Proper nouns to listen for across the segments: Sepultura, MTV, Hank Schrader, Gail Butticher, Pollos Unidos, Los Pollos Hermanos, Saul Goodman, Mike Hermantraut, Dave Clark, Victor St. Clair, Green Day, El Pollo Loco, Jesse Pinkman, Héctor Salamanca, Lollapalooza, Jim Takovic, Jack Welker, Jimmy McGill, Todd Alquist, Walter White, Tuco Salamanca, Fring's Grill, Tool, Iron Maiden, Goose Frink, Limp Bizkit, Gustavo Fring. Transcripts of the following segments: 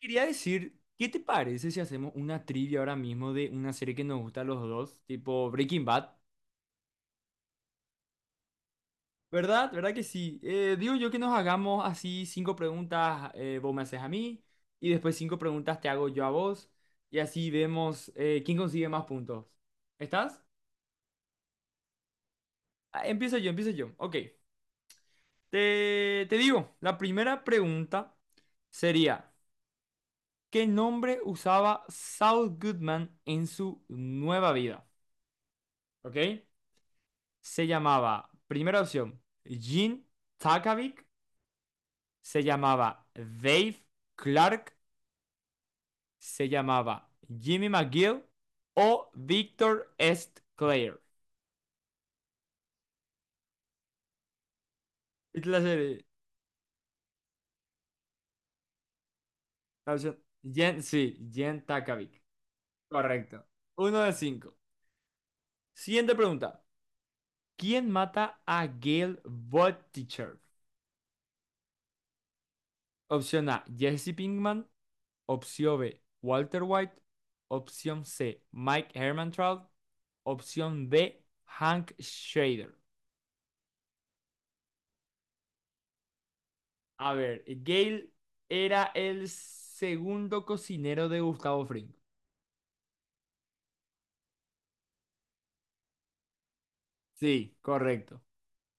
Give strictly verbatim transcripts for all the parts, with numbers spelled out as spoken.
Quería decir, ¿qué te parece si hacemos una trivia ahora mismo de una serie que nos gusta a los dos, tipo Breaking Bad? ¿Verdad? ¿Verdad que sí? Eh, digo yo que nos hagamos así cinco preguntas, eh, vos me haces a mí, y después cinco preguntas te hago yo a vos, y así vemos eh, quién consigue más puntos. ¿Estás? Ah, empiezo yo, empiezo yo. Ok. Te, te digo, la primera pregunta sería, ¿qué nombre usaba Saul Goodman en su nueva vida? ¿Ok? Se llamaba, primera opción, Jim Takovic, se llamaba Dave Clark, se llamaba Jimmy McGill o Victor saint Clair. Es la serie, la opción, Jen, sí, Jim Takovic. Correcto. Uno de cinco. Siguiente pregunta. ¿Quién mata a Gail Butticher? Opción A, Jesse Pinkman. Opción B, Walter White. Opción C, Mike Hermantraut. Opción B, Hank Schrader. A ver, Gale era el segundo cocinero de Gustavo Fring. Sí, correcto.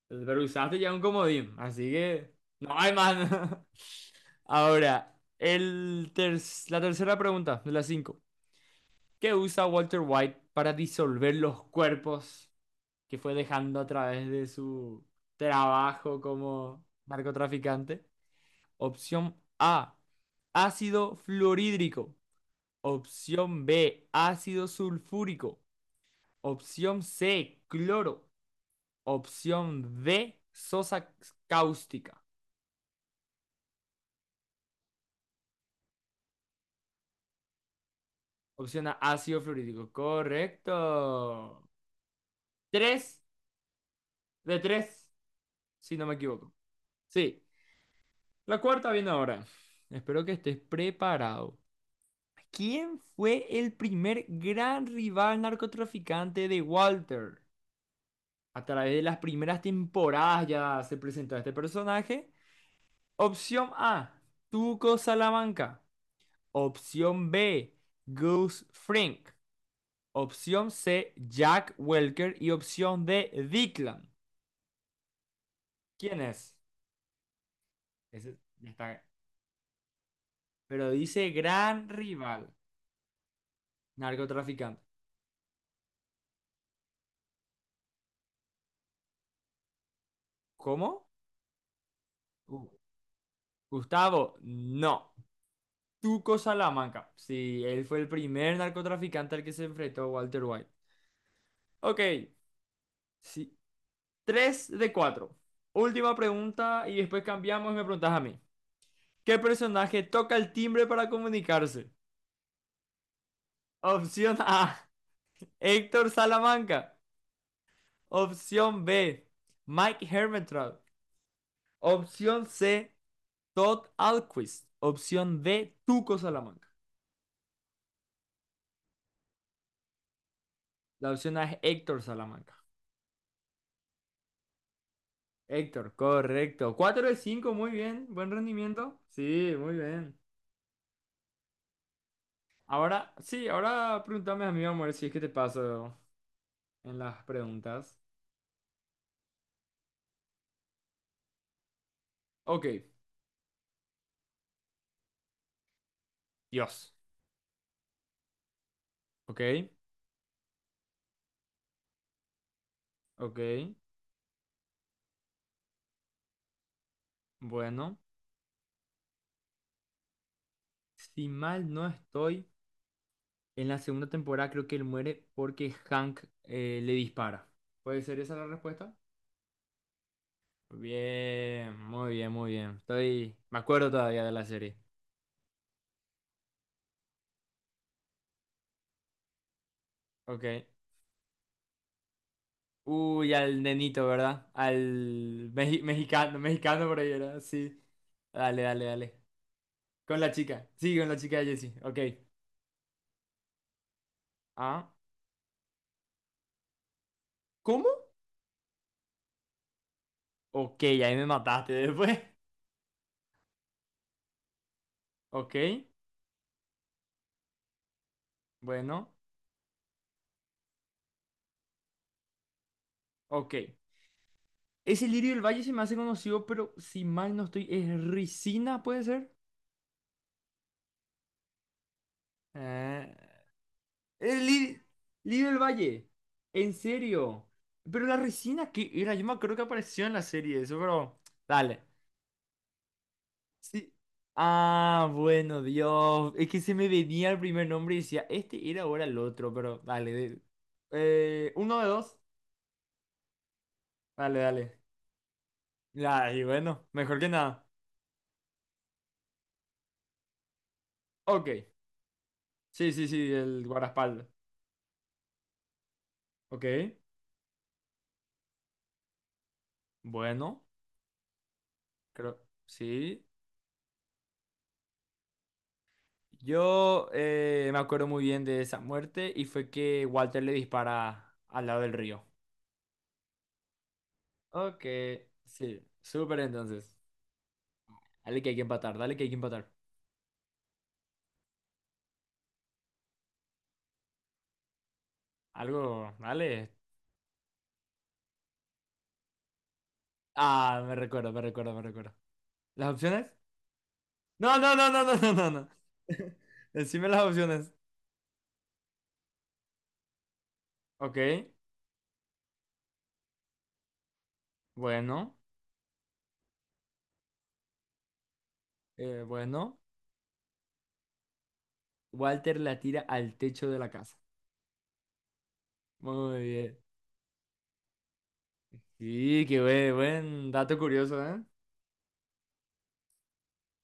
Pero usaste ya un comodín, así que no hay más. Ahora, el ter- la tercera pregunta de las cinco. ¿Qué usa Walter White para disolver los cuerpos que fue dejando a través de su trabajo como narcotraficante? Opción A, ácido fluorhídrico. Opción B, ácido sulfúrico. Opción C, cloro. Opción D, sosa cáustica. Opción A, ácido fluorhídrico. Correcto. Tres de tres, si no me equivoco. Sí, la cuarta viene ahora. Espero que estés preparado. ¿Quién fue el primer gran rival narcotraficante de Walter? A través de las primeras temporadas ya se presentó este personaje. Opción A, Tuco Salamanca. Opción B, Goose Frink. Opción C, Jack Welker. Y opción D, Declan. ¿Quién es? Ese ya está. Pero dice gran rival, narcotraficante. ¿Cómo? Uh, Gustavo, no. Tuco Salamanca. Sí, él fue el primer narcotraficante al que se enfrentó Walter White. Ok, sí. Tres de cuatro. Última pregunta y después cambiamos y me preguntas a mí. ¿Qué personaje toca el timbre para comunicarse? Opción A, Héctor Salamanca. Opción B, Mike Hermetrout. Opción C, Todd Alquist. Opción D, Tuco Salamanca. La opción A es Héctor Salamanca. Héctor, correcto. Cuatro de cinco, muy bien. Buen rendimiento. Sí, muy bien. Ahora, sí, ahora pregúntame a mí, amor, si es que te paso en las preguntas. Ok, Dios. Ok, ok, bueno. Si mal no estoy, en la segunda temporada creo que él muere porque Hank eh, le dispara. ¿Puede ser esa la respuesta? Bien, muy bien, muy bien. Estoy. Me acuerdo todavía de la serie. Ok. Uy, al nenito, ¿verdad? Al mexi- mexicano, mexicano por ahí, ¿verdad? Sí. Dale, dale, dale. Con la chica. Sí, con la chica de Jessie. Ok. Ah. ¿Cómo? Ok, ahí me mataste después. Ok. Bueno, ok. Ese lirio del valle se me hace conocido, pero si mal no estoy, es Ricina, ¿puede ser? Eh, el li- Lirio del valle. En serio. Pero la resina, ¿qué era? Yo me acuerdo que apareció en la serie eso, pero... Dale. Sí. Ah, bueno, Dios. Es que se me venía el primer nombre y decía, este era ahora el otro, pero dale. De- Eh, uno de dos. Dale, dale. Ya, y bueno, mejor que nada. Ok. Sí, sí, sí, el guardaespaldas. Ok. Bueno, creo, sí. Yo eh, me acuerdo muy bien de esa muerte y fue que Walter le dispara al lado del río. Ok, sí, súper entonces. Dale que hay que empatar, dale que hay que empatar. Algo, dale. Ah, me recuerdo, me recuerdo, me recuerdo. ¿Las opciones? No, no, no, no, no, no, no, no. Decime las opciones. Ok, bueno, eh, bueno. Walter la tira al techo de la casa. Muy bien. Sí, qué buen, buen dato curioso, ¿eh?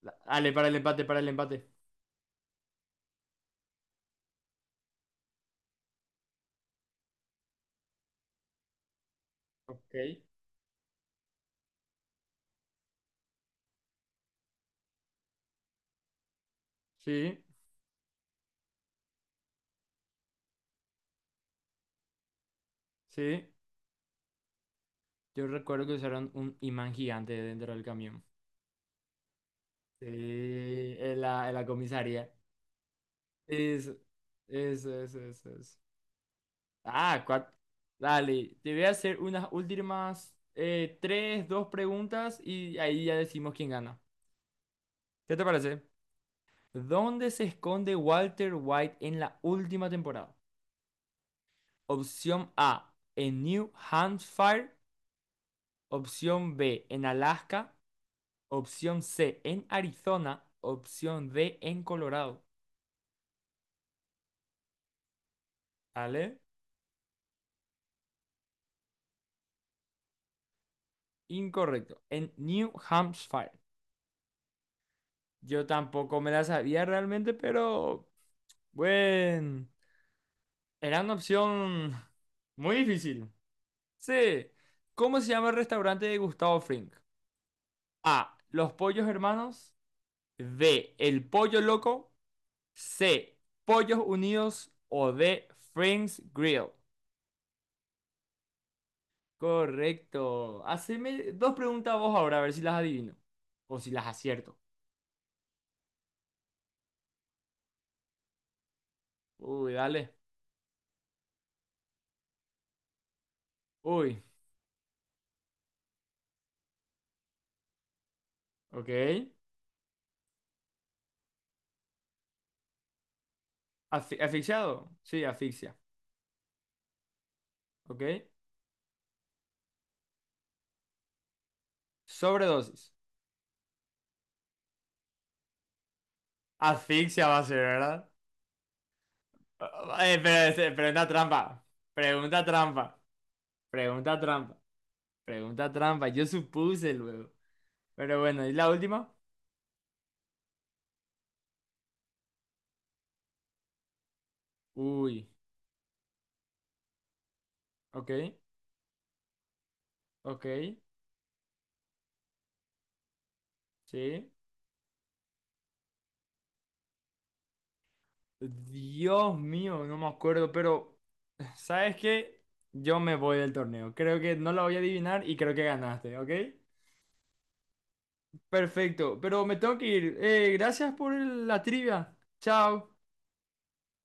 La- Dale, para el empate, para el empate. Ok. Sí, sí. Yo recuerdo que usaron un imán gigante dentro del camión. Sí, en la, en la comisaría. Eso, eso, eso, eso, eso. Ah, cua- Dale, te voy a hacer unas últimas eh, tres, dos preguntas y ahí ya decimos quién gana. ¿Qué te parece? ¿Dónde se esconde Walter White en la última temporada? Opción A, en New Hampshire. Opción B, en Alaska. Opción C en Arizona. Opción D en Colorado. ¿Vale? Incorrecto. En New Hampshire. Yo tampoco me la sabía realmente, pero bueno. Era una opción muy difícil. C. ¿Cómo se llama el restaurante de Gustavo Fring? A. Los Pollos Hermanos. B. El Pollo Loco. C. Pollos Unidos. O D. Fring's Grill. Correcto. Haceme dos preguntas vos ahora, a ver si las adivino. O si las acierto. Uy, dale. Uy, ok. Asfi- ¿Asfixiado? Sí, asfixia. Ok. Sobredosis. Asfixia va a ser, ¿verdad? Ah, eh, pero, este, pregunta trampa. Pregunta trampa. Pregunta trampa. Pregunta trampa. Yo supuse luego. Pero bueno, ¿y la última? Uy, ok. Ok. Sí. Dios mío, no me acuerdo, pero ¿sabes qué? Yo me voy del torneo. Creo que no la voy a adivinar y creo que ganaste, ¿ok? Perfecto, pero me tengo que ir. Eh, gracias por el- la trivia. Chao.